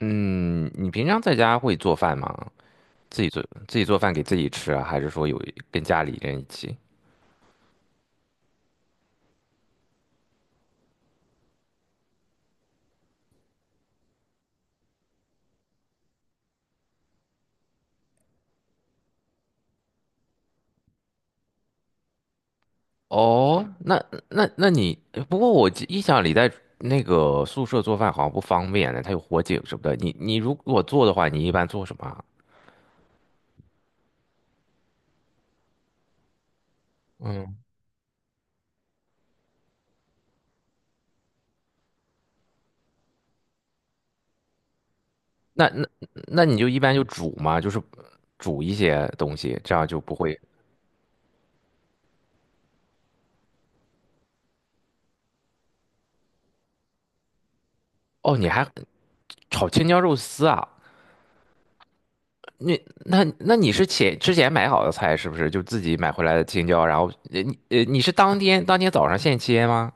嗯，你平常在家会做饭吗？自己做饭给自己吃啊，还是说有跟家里人一起？哦，那你不过我记印象里在宿舍做饭好像不方便呢，它有火警什么的。你如果做的话，你一般做什么啊？那你就一般就煮嘛，就是煮一些东西，这样就不会。哦，你还炒青椒肉丝啊？那你是之前买好的菜是不是？就自己买回来的青椒，然后你是当天早上现切吗？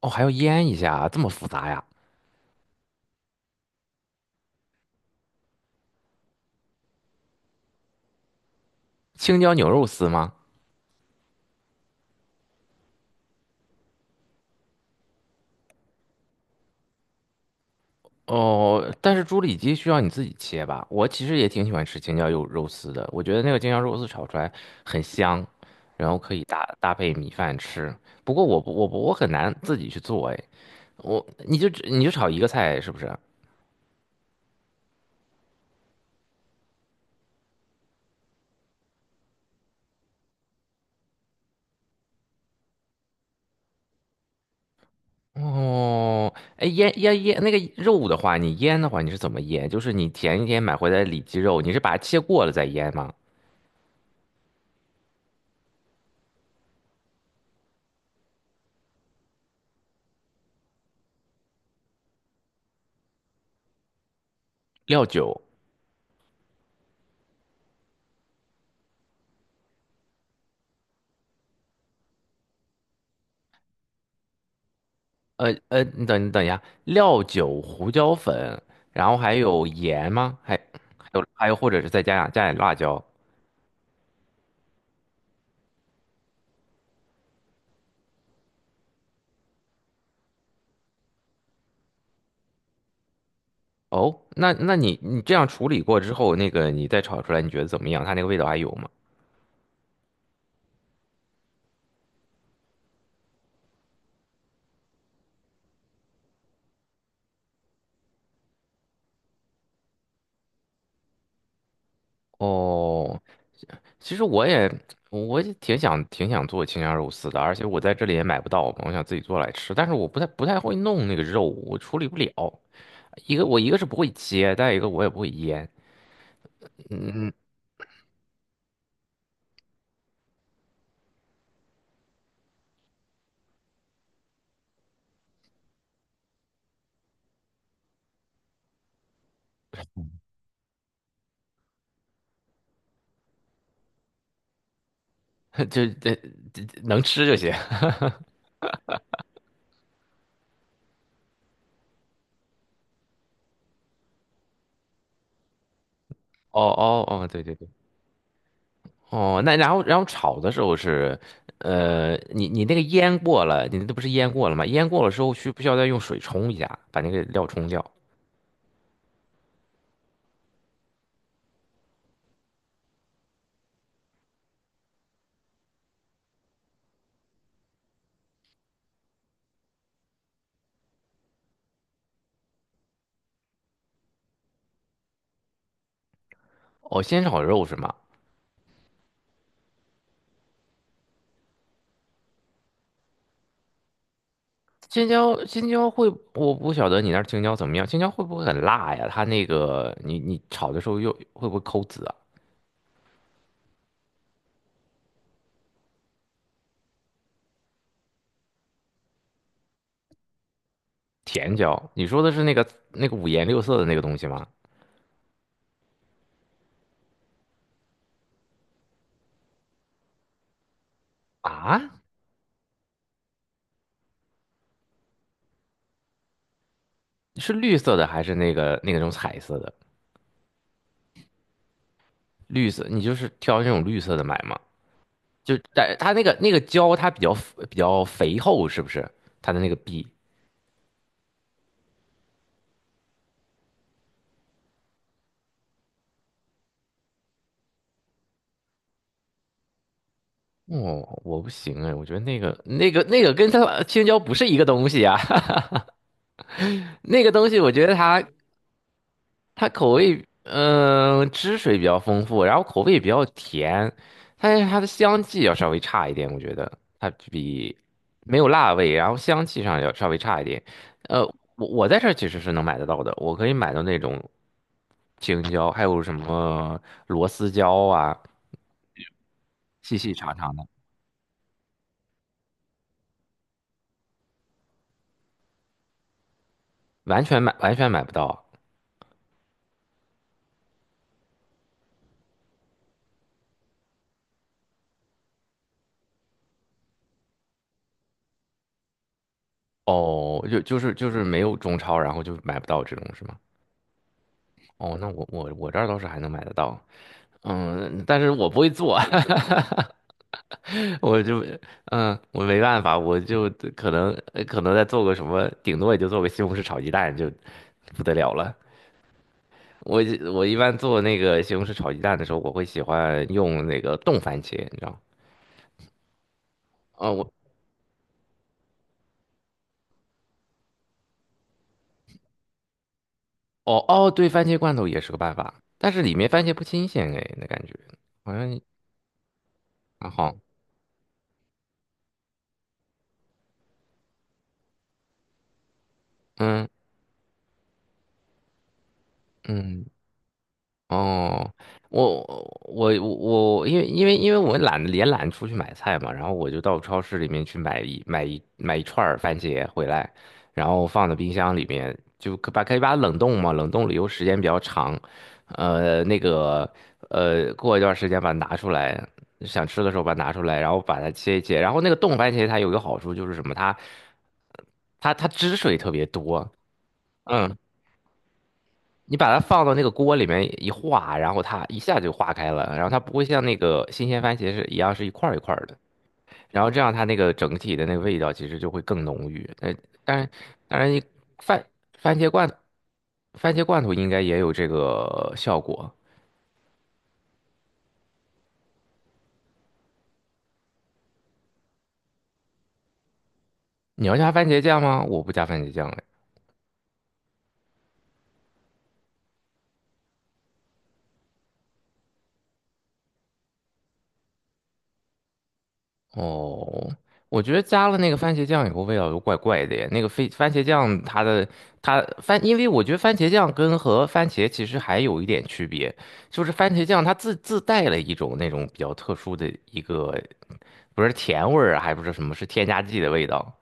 哦，还要腌一下啊，这么复杂呀？青椒牛肉丝吗？哦，但是猪里脊需要你自己切吧？我其实也挺喜欢吃青椒肉丝的，我觉得那个青椒肉丝炒出来很香，然后可以搭配米饭吃。不过我不我很难自己去做哎，你你就炒一个菜是不是？哦，哎，腌那个肉的话，你腌的话，你是怎么腌？就是你前一天买回来的里脊肉，你是把它切过了再腌吗？料酒，你你等一下，料酒、胡椒粉，然后还有盐吗？还还有，或者是再加点辣椒。哦，那你这样处理过之后，那个你再炒出来，你觉得怎么样？它那个味道还有吗？哦，其实我也挺想做青椒肉丝的，而且我在这里也买不到嘛，我想自己做来吃。但是我不太会弄那个肉，我处理不了。一个是不会切，再一个我也不会腌。就这能吃就行。哦，对对对。哦，那然后炒的时候是，呃，你那个腌过了，你那不是腌过了吗？腌过了之后需不需要再用水冲一下，把那个料冲掉？哦，先炒肉是吗？青椒，青椒会，我不晓得你那儿青椒怎么样，青椒会不会很辣呀？它那个，你炒的时候又会不会抠籽啊？甜椒，你说的是那个五颜六色的那个东西吗？啊，是绿色的还是那个种彩色的？绿色，你就是挑那种绿色的买吗？就但它那个椒，它比较肥厚，是不是？它的那个壁，哦，我不行哎，我觉得那个跟它青椒不是一个东西啊。那个东西，我觉得它它口味，汁水比较丰富，然后口味比较甜，但是它的香气要稍微差一点，我觉得它比没有辣味，然后香气上要稍微差一点。呃，我在这儿其实是能买得到的，我可以买到那种青椒，还有什么螺丝椒啊，细细长长的，完全买买不到。哦，就是没有中超，然后就买不到这种是吗？哦，那我这儿倒是还能买得到，嗯，但是我不会做。我就嗯，我没办法，我就可能再做个什么，顶多也就做个西红柿炒鸡蛋就不得了了。我我一般做那个西红柿炒鸡蛋的时候，我会喜欢用那个冻番茄，你知道吗？哦，我哦，对，番茄罐头也是个办法，但是里面番茄不新鲜哎，那感觉好像还好，嗯嗯。哦，我我我我因为我懒得也懒得出去买菜嘛，然后我就到超市里面去买一买一买一串儿番茄回来，然后放到冰箱里面，就可以把它冷冻嘛，冷冻理由时间比较长，呃，那个呃，过一段时间把它拿出来，想吃的时候把它拿出来，然后把它切一切，然后那个冻番茄它有一个好处就是什么，它它汁水特别多，嗯。你把它放到那个锅里面一化，然后它一下就化开了，然后它不会像那个新鲜番茄是一样是一块儿一块儿的，然后这样它那个整体的那个味道其实就会更浓郁。呃，当然，当然你番番茄罐番茄罐头应该也有这个效果。你要加番茄酱吗？我不加番茄酱。哦，我觉得加了那个番茄酱以后，味道就怪怪的耶。那个非番茄酱它的它番，因为我觉得番茄酱跟和番茄其实还有一点区别，就是番茄酱它自带了一种那种比较特殊的一个，不是甜味儿啊，还不是什么，是添加剂的味道。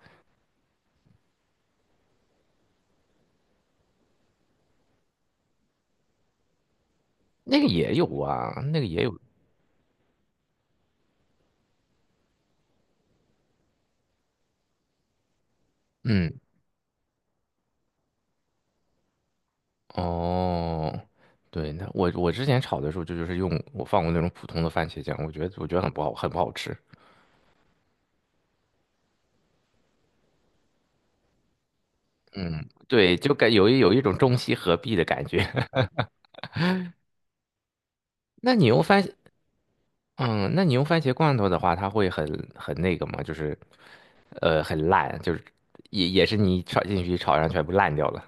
那个也有啊，那个也有，嗯，哦，对，那之前炒的时候就是用放过那种普通的番茄酱，我觉得很不好，很不好吃。嗯，对，就有有一种中西合璧的感觉。那你用番，嗯，那你用番茄罐头的话，它会很那个吗？就是，呃，很烂，就是也是你炒进去炒上全部烂掉了。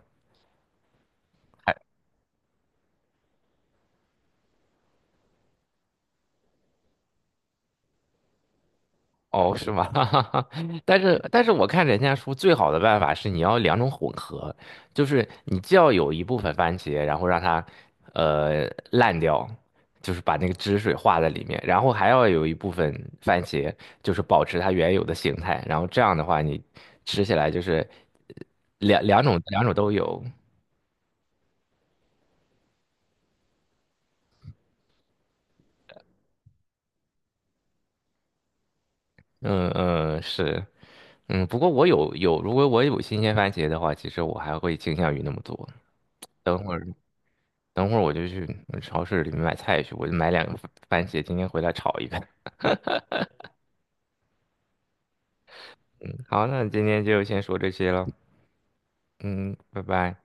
哦，是吗？但是，但是我看人家说最好的办法是你要两种混合，就是你既要有一部分番茄，然后让它呃烂掉，就是把那个汁水化在里面，然后还要有一部分番茄，就是保持它原有的形态，然后这样的话你吃起来就是呃两两种都有。嗯嗯是，嗯不过我有有，如果我有新鲜番茄的话，其实我还会倾向于那么做。等会儿。等会儿我就去超市里面买菜去，我就买两个番番茄，今天回来炒一个。嗯，好，那今天就先说这些了。嗯，拜拜。